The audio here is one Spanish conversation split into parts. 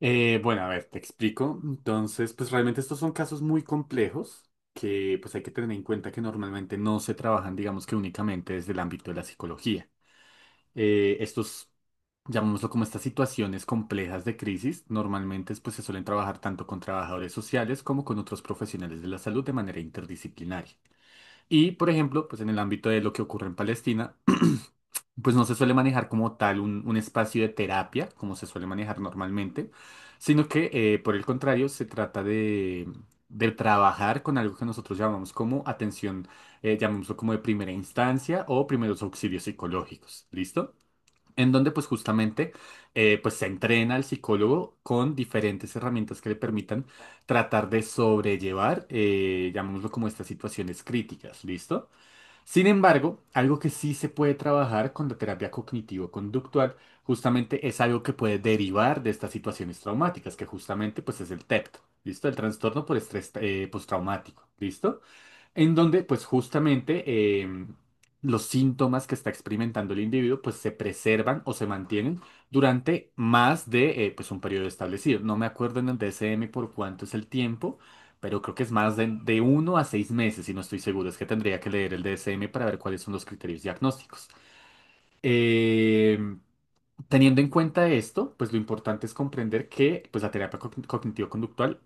Bueno, a ver, te explico. Entonces, pues realmente estos son casos muy complejos que pues hay que tener en cuenta que normalmente no se trabajan, digamos que únicamente desde el ámbito de la psicología. Eh, estos, Llamémoslo como estas situaciones complejas de crisis, normalmente pues se suelen trabajar tanto con trabajadores sociales como con otros profesionales de la salud de manera interdisciplinaria. Y, por ejemplo, pues en el ámbito de lo que ocurre en Palestina, pues no se suele manejar como tal un espacio de terapia, como se suele manejar normalmente, sino que, por el contrario, se trata de trabajar con algo que nosotros llamamos como atención, llamémoslo como de primera instancia o primeros auxilios psicológicos. ¿Listo? En donde pues justamente pues se entrena al psicólogo con diferentes herramientas que le permitan tratar de sobrellevar, llamémoslo como estas situaciones críticas, ¿listo? Sin embargo, algo que sí se puede trabajar con la terapia cognitivo-conductual justamente es algo que puede derivar de estas situaciones traumáticas, que justamente pues es el TEPT, ¿listo? El trastorno por estrés postraumático, ¿listo? En donde pues justamente los síntomas que está experimentando el individuo pues se preservan o se mantienen durante más de pues un periodo establecido. No me acuerdo en el DSM por cuánto es el tiempo, pero creo que es más de 1 a 6 meses y no estoy seguro. Es que tendría que leer el DSM para ver cuáles son los criterios diagnósticos. Em, Teniendo en cuenta esto, pues lo importante es comprender que pues, la terapia cognitivo-conductual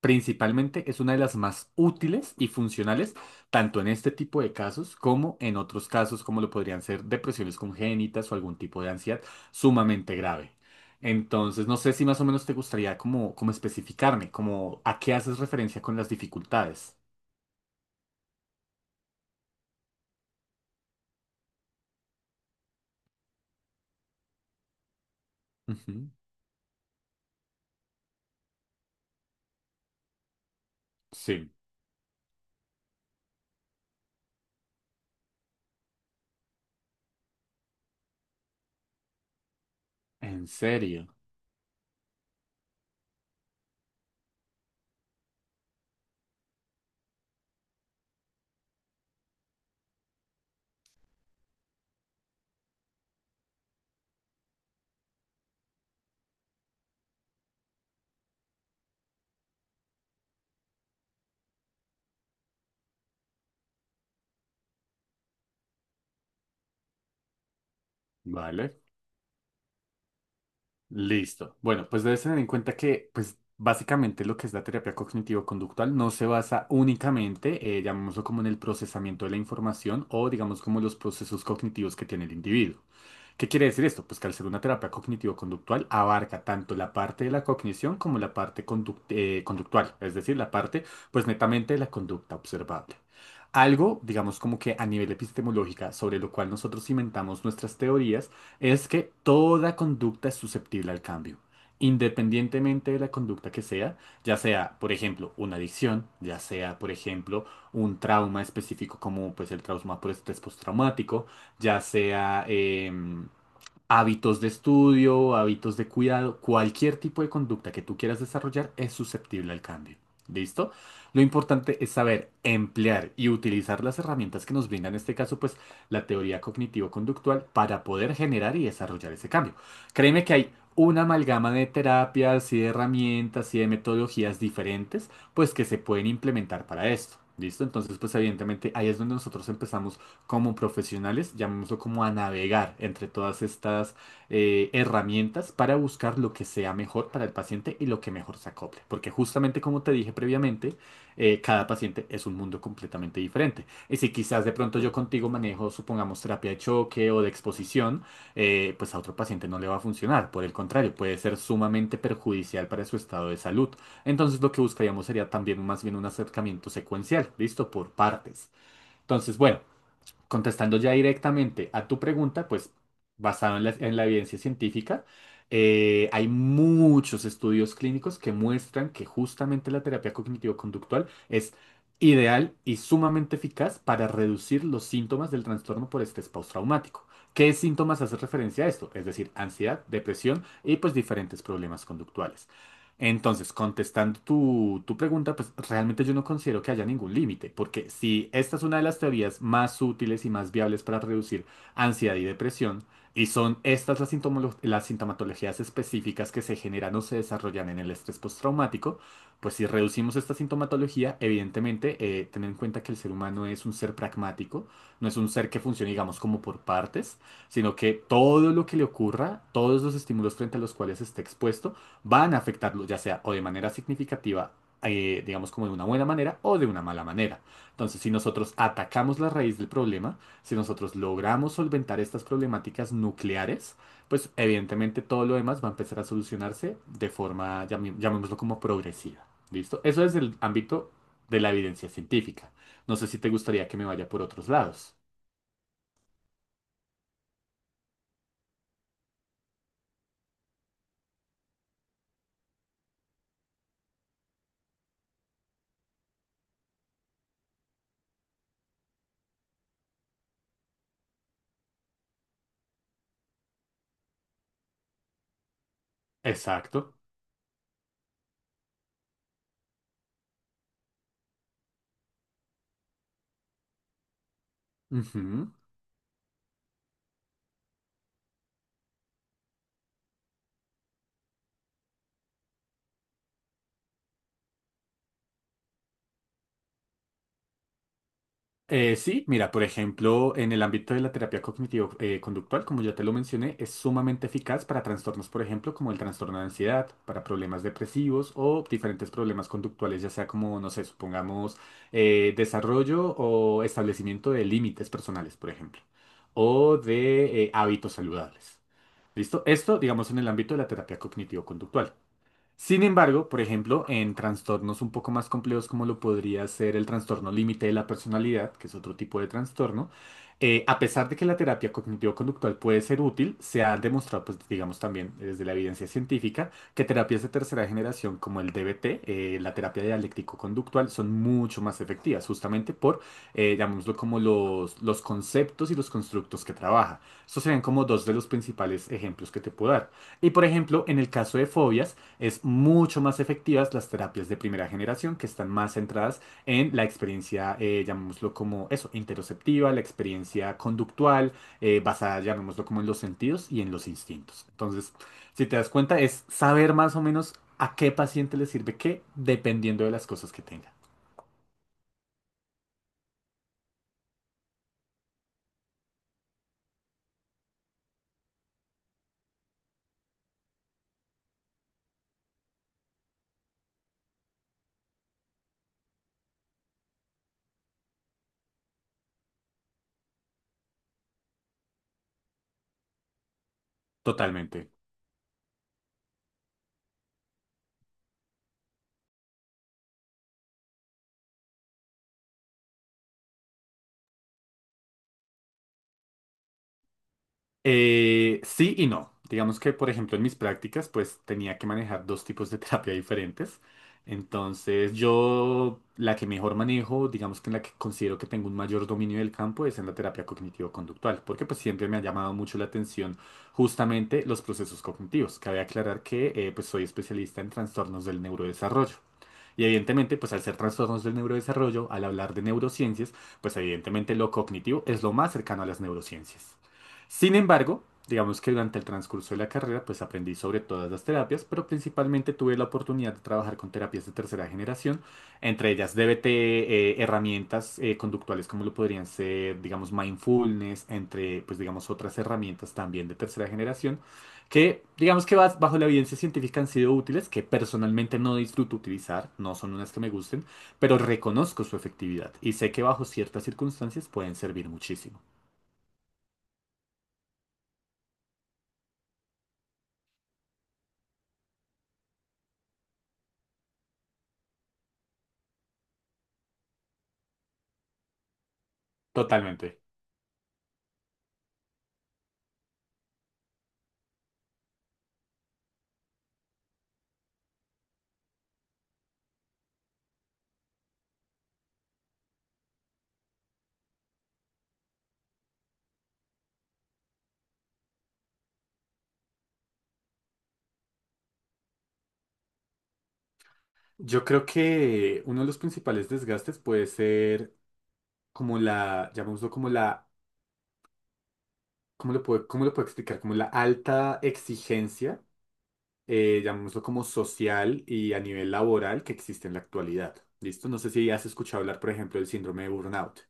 principalmente es una de las más útiles y funcionales, tanto en este tipo de casos como en otros casos, como lo podrían ser depresiones congénitas o algún tipo de ansiedad sumamente grave. Entonces, no sé si más o menos te gustaría como especificarme, como a qué haces referencia con las dificultades. Ujú. Sí, en serio. ¿Vale? Listo. Bueno, pues debes tener en cuenta que, pues, básicamente lo que es la terapia cognitivo-conductual no se basa únicamente, llamémoslo como en el procesamiento de la información o, digamos, como los procesos cognitivos que tiene el individuo. ¿Qué quiere decir esto? Pues que al ser una terapia cognitivo-conductual abarca tanto la parte de la cognición como la parte conductual, es decir, la parte, pues, netamente de la conducta observable. Algo, digamos, como que a nivel epistemológica, sobre lo cual nosotros cimentamos nuestras teorías, es que toda conducta es susceptible al cambio, independientemente de la conducta que sea, ya sea, por ejemplo, una adicción, ya sea, por ejemplo, un trauma específico como pues el trauma por estrés postraumático, ya sea, hábitos de estudio, hábitos de cuidado, cualquier tipo de conducta que tú quieras desarrollar es susceptible al cambio. ¿Listo? Lo importante es saber emplear y utilizar las herramientas que nos brinda en este caso, pues la teoría cognitivo-conductual para poder generar y desarrollar ese cambio. Créeme que hay una amalgama de terapias y de herramientas y de metodologías diferentes, pues que se pueden implementar para esto. ¿Listo? Entonces, pues evidentemente ahí es donde nosotros empezamos como profesionales, llamémoslo como a navegar entre todas estas herramientas para buscar lo que sea mejor para el paciente y lo que mejor se acople. Porque justamente como te dije previamente, cada paciente es un mundo completamente diferente. Y si quizás de pronto yo contigo manejo, supongamos, terapia de choque o de exposición, pues a otro paciente no le va a funcionar. Por el contrario, puede ser sumamente perjudicial para su estado de salud. Entonces lo que buscaríamos sería también más bien un acercamiento secuencial, ¿listo? Por partes. Entonces, bueno, contestando ya directamente a tu pregunta, pues basado en la evidencia científica, hay muchos estudios clínicos que muestran que justamente la terapia cognitivo-conductual es ideal y sumamente eficaz para reducir los síntomas del trastorno por estrés postraumático. ¿Qué síntomas hace referencia a esto? Es decir, ansiedad, depresión y pues diferentes problemas conductuales. Entonces, contestando tu pregunta, pues realmente yo no considero que haya ningún límite, porque si esta es una de las teorías más útiles y más viables para reducir ansiedad y depresión, y son estas las sintomatologías específicas que se generan o se desarrollan en el estrés postraumático, pues si reducimos esta sintomatología, evidentemente, ten en cuenta que el ser humano es un ser pragmático, no es un ser que funcione, digamos, como por partes, sino que todo lo que le ocurra, todos los estímulos frente a los cuales esté expuesto, van a afectarlo, ya sea o de manera significativa, digamos como de una buena manera o de una mala manera. Entonces, si nosotros atacamos la raíz del problema, si nosotros logramos solventar estas problemáticas nucleares, pues evidentemente todo lo demás va a empezar a solucionarse de forma, llamémoslo como progresiva. ¿Listo? Eso es el ámbito de la evidencia científica. No sé si te gustaría que me vaya por otros lados. Exacto. Ujú. Sí, mira, por ejemplo, en el ámbito de la terapia cognitivo-conductual, como ya te lo mencioné, es sumamente eficaz para trastornos, por ejemplo, como el trastorno de ansiedad, para problemas depresivos o diferentes problemas conductuales, ya sea como, no sé, supongamos, desarrollo o establecimiento de límites personales, por ejemplo, o de hábitos saludables. ¿Listo? Esto, digamos, en el ámbito de la terapia cognitivo-conductual. Sin embargo, por ejemplo, en trastornos un poco más complejos como lo podría ser el trastorno límite de la personalidad, que es otro tipo de trastorno, a pesar de que la terapia cognitivo-conductual puede ser útil, se ha demostrado, pues digamos también desde la evidencia científica, que terapias de tercera generación como el DBT, la terapia dialéctico-conductual, son mucho más efectivas, justamente por, llamémoslo como los conceptos y los constructos que trabaja. Estos serían como dos de los principales ejemplos que te puedo dar. Y por ejemplo, en el caso de fobias, es mucho más efectivas las terapias de primera generación que están más centradas en la experiencia, llamémoslo como eso, interoceptiva, la experiencia conductual, basada, llamémoslo como en los sentidos y en los instintos. Entonces, si te das cuenta, es saber más o menos a qué paciente le sirve qué, dependiendo de las cosas que tenga. Totalmente. Sí y no. Digamos que, por ejemplo, en mis prácticas, pues tenía que manejar dos tipos de terapia diferentes. Entonces, yo la que mejor manejo, digamos que en la que considero que tengo un mayor dominio del campo, es en la terapia cognitivo-conductual, porque pues siempre me ha llamado mucho la atención justamente los procesos cognitivos. Cabe aclarar que pues soy especialista en trastornos del neurodesarrollo. Y evidentemente, pues al ser trastornos del neurodesarrollo, al hablar de neurociencias, pues evidentemente lo cognitivo es lo más cercano a las neurociencias. Sin embargo, digamos que durante el transcurso de la carrera, pues aprendí sobre todas las terapias, pero principalmente tuve la oportunidad de trabajar con terapias de tercera generación, entre ellas DBT, herramientas conductuales como lo podrían ser, digamos, mindfulness, entre, pues digamos, otras herramientas también de tercera generación que digamos que bajo la evidencia científica han sido útiles, que personalmente no disfruto utilizar, no son unas que me gusten, pero reconozco su efectividad y sé que bajo ciertas circunstancias pueden servir muchísimo. Totalmente. Yo creo que uno de los principales desgastes puede ser como la, llamémoslo como la, ¿cómo lo puedo explicar? Como la alta exigencia, llamémoslo como social y a nivel laboral que existe en la actualidad. ¿Listo? No sé si has escuchado hablar, por ejemplo, del síndrome de burnout.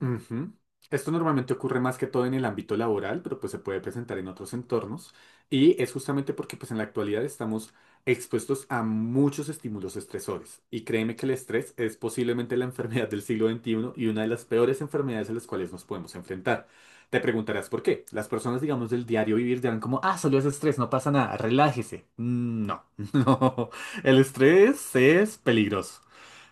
Ujú. Esto normalmente ocurre más que todo en el ámbito laboral, pero pues se puede presentar en otros entornos y es justamente porque pues en la actualidad estamos expuestos a muchos estímulos estresores y créeme que el estrés es posiblemente la enfermedad del siglo XXI y una de las peores enfermedades a las cuales nos podemos enfrentar. Te preguntarás por qué. Las personas, digamos, del diario vivir dirán como, ah, solo es estrés, no pasa nada, relájese. No, no, el estrés es peligroso.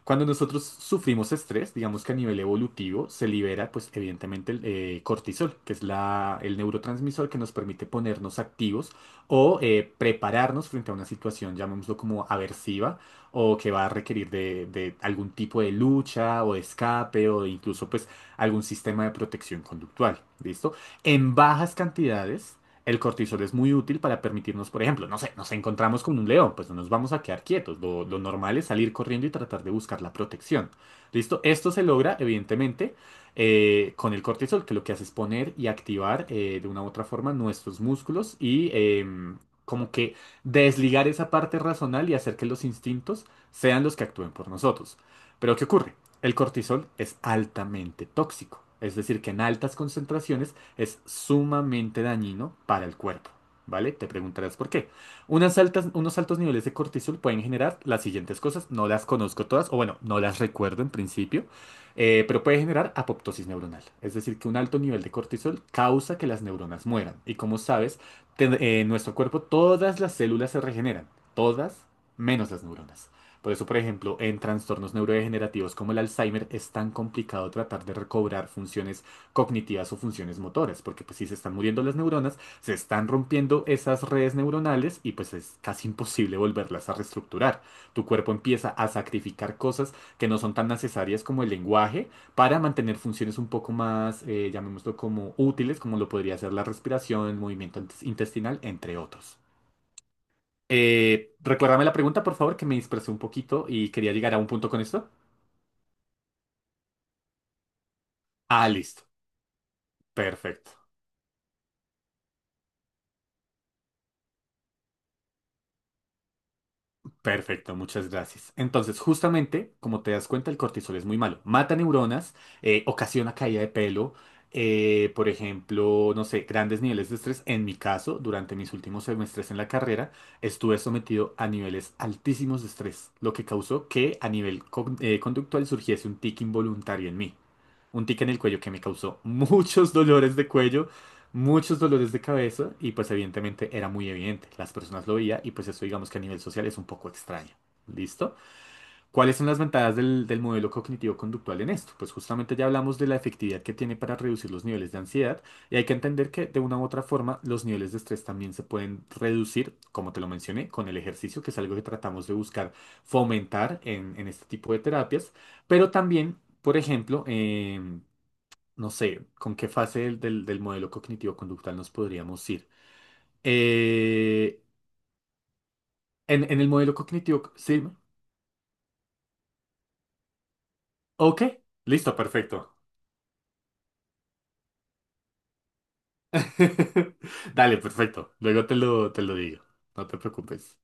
Cuando nosotros sufrimos estrés, digamos que a nivel evolutivo se libera, pues evidentemente, el cortisol, que es el neurotransmisor que nos permite ponernos activos o prepararnos frente a una situación, llamémoslo como aversiva, o que va a requerir de algún tipo de lucha o de escape o de incluso pues algún sistema de protección conductual. ¿Listo? En bajas cantidades. El cortisol es muy útil para permitirnos, por ejemplo, no sé, nos encontramos con un león, pues no nos vamos a quedar quietos. Lo normal es salir corriendo y tratar de buscar la protección. ¿Listo? Esto se logra, evidentemente, con el cortisol, que lo que hace es poner y activar de una u otra forma nuestros músculos y como que desligar esa parte racional y hacer que los instintos sean los que actúen por nosotros. Pero ¿qué ocurre? El cortisol es altamente tóxico. Es decir, que en altas concentraciones es sumamente dañino para el cuerpo. ¿Vale? Te preguntarás por qué. Unos altos niveles de cortisol pueden generar las siguientes cosas. No las conozco todas, o bueno, no las recuerdo en principio, pero puede generar apoptosis neuronal. Es decir, que un alto nivel de cortisol causa que las neuronas mueran. Y como sabes, en nuestro cuerpo todas las células se regeneran, todas menos las neuronas. Por eso, por ejemplo, en trastornos neurodegenerativos como el Alzheimer es tan complicado tratar de recobrar funciones cognitivas o funciones motoras, porque pues si se están muriendo las neuronas, se están rompiendo esas redes neuronales y pues es casi imposible volverlas a reestructurar. Tu cuerpo empieza a sacrificar cosas que no son tan necesarias como el lenguaje para mantener funciones un poco más, llamémoslo como útiles, como lo podría ser la respiración, el movimiento intestinal, entre otros. Recuérdame la pregunta, por favor, que me dispersé un poquito y quería llegar a un punto con esto. Ah, listo. Perfecto. Perfecto, muchas gracias. Entonces, justamente, como te das cuenta, el cortisol es muy malo. Mata neuronas, ocasiona caída de pelo, por ejemplo, no sé, grandes niveles de estrés. En mi caso, durante mis últimos semestres en la carrera, estuve sometido a niveles altísimos de estrés, lo que causó que a nivel conductual surgiese un tic involuntario en mí. Un tic en el cuello que me causó muchos dolores de cuello, muchos dolores de cabeza y pues evidentemente era muy evidente, las personas lo veían y pues eso digamos que a nivel social es un poco extraño. ¿Listo? ¿Cuáles son las ventajas del modelo cognitivo-conductual en esto? Pues justamente ya hablamos de la efectividad que tiene para reducir los niveles de ansiedad y hay que entender que de una u otra forma los niveles de estrés también se pueden reducir, como te lo mencioné, con el ejercicio, que es algo que tratamos de buscar fomentar en este tipo de terapias, pero también, por ejemplo, no sé, con qué fase del modelo cognitivo-conductual nos podríamos ir. Eh, en el modelo cognitivo, sí, ok, listo, perfecto. Dale, perfecto. Luego te lo digo. No te preocupes.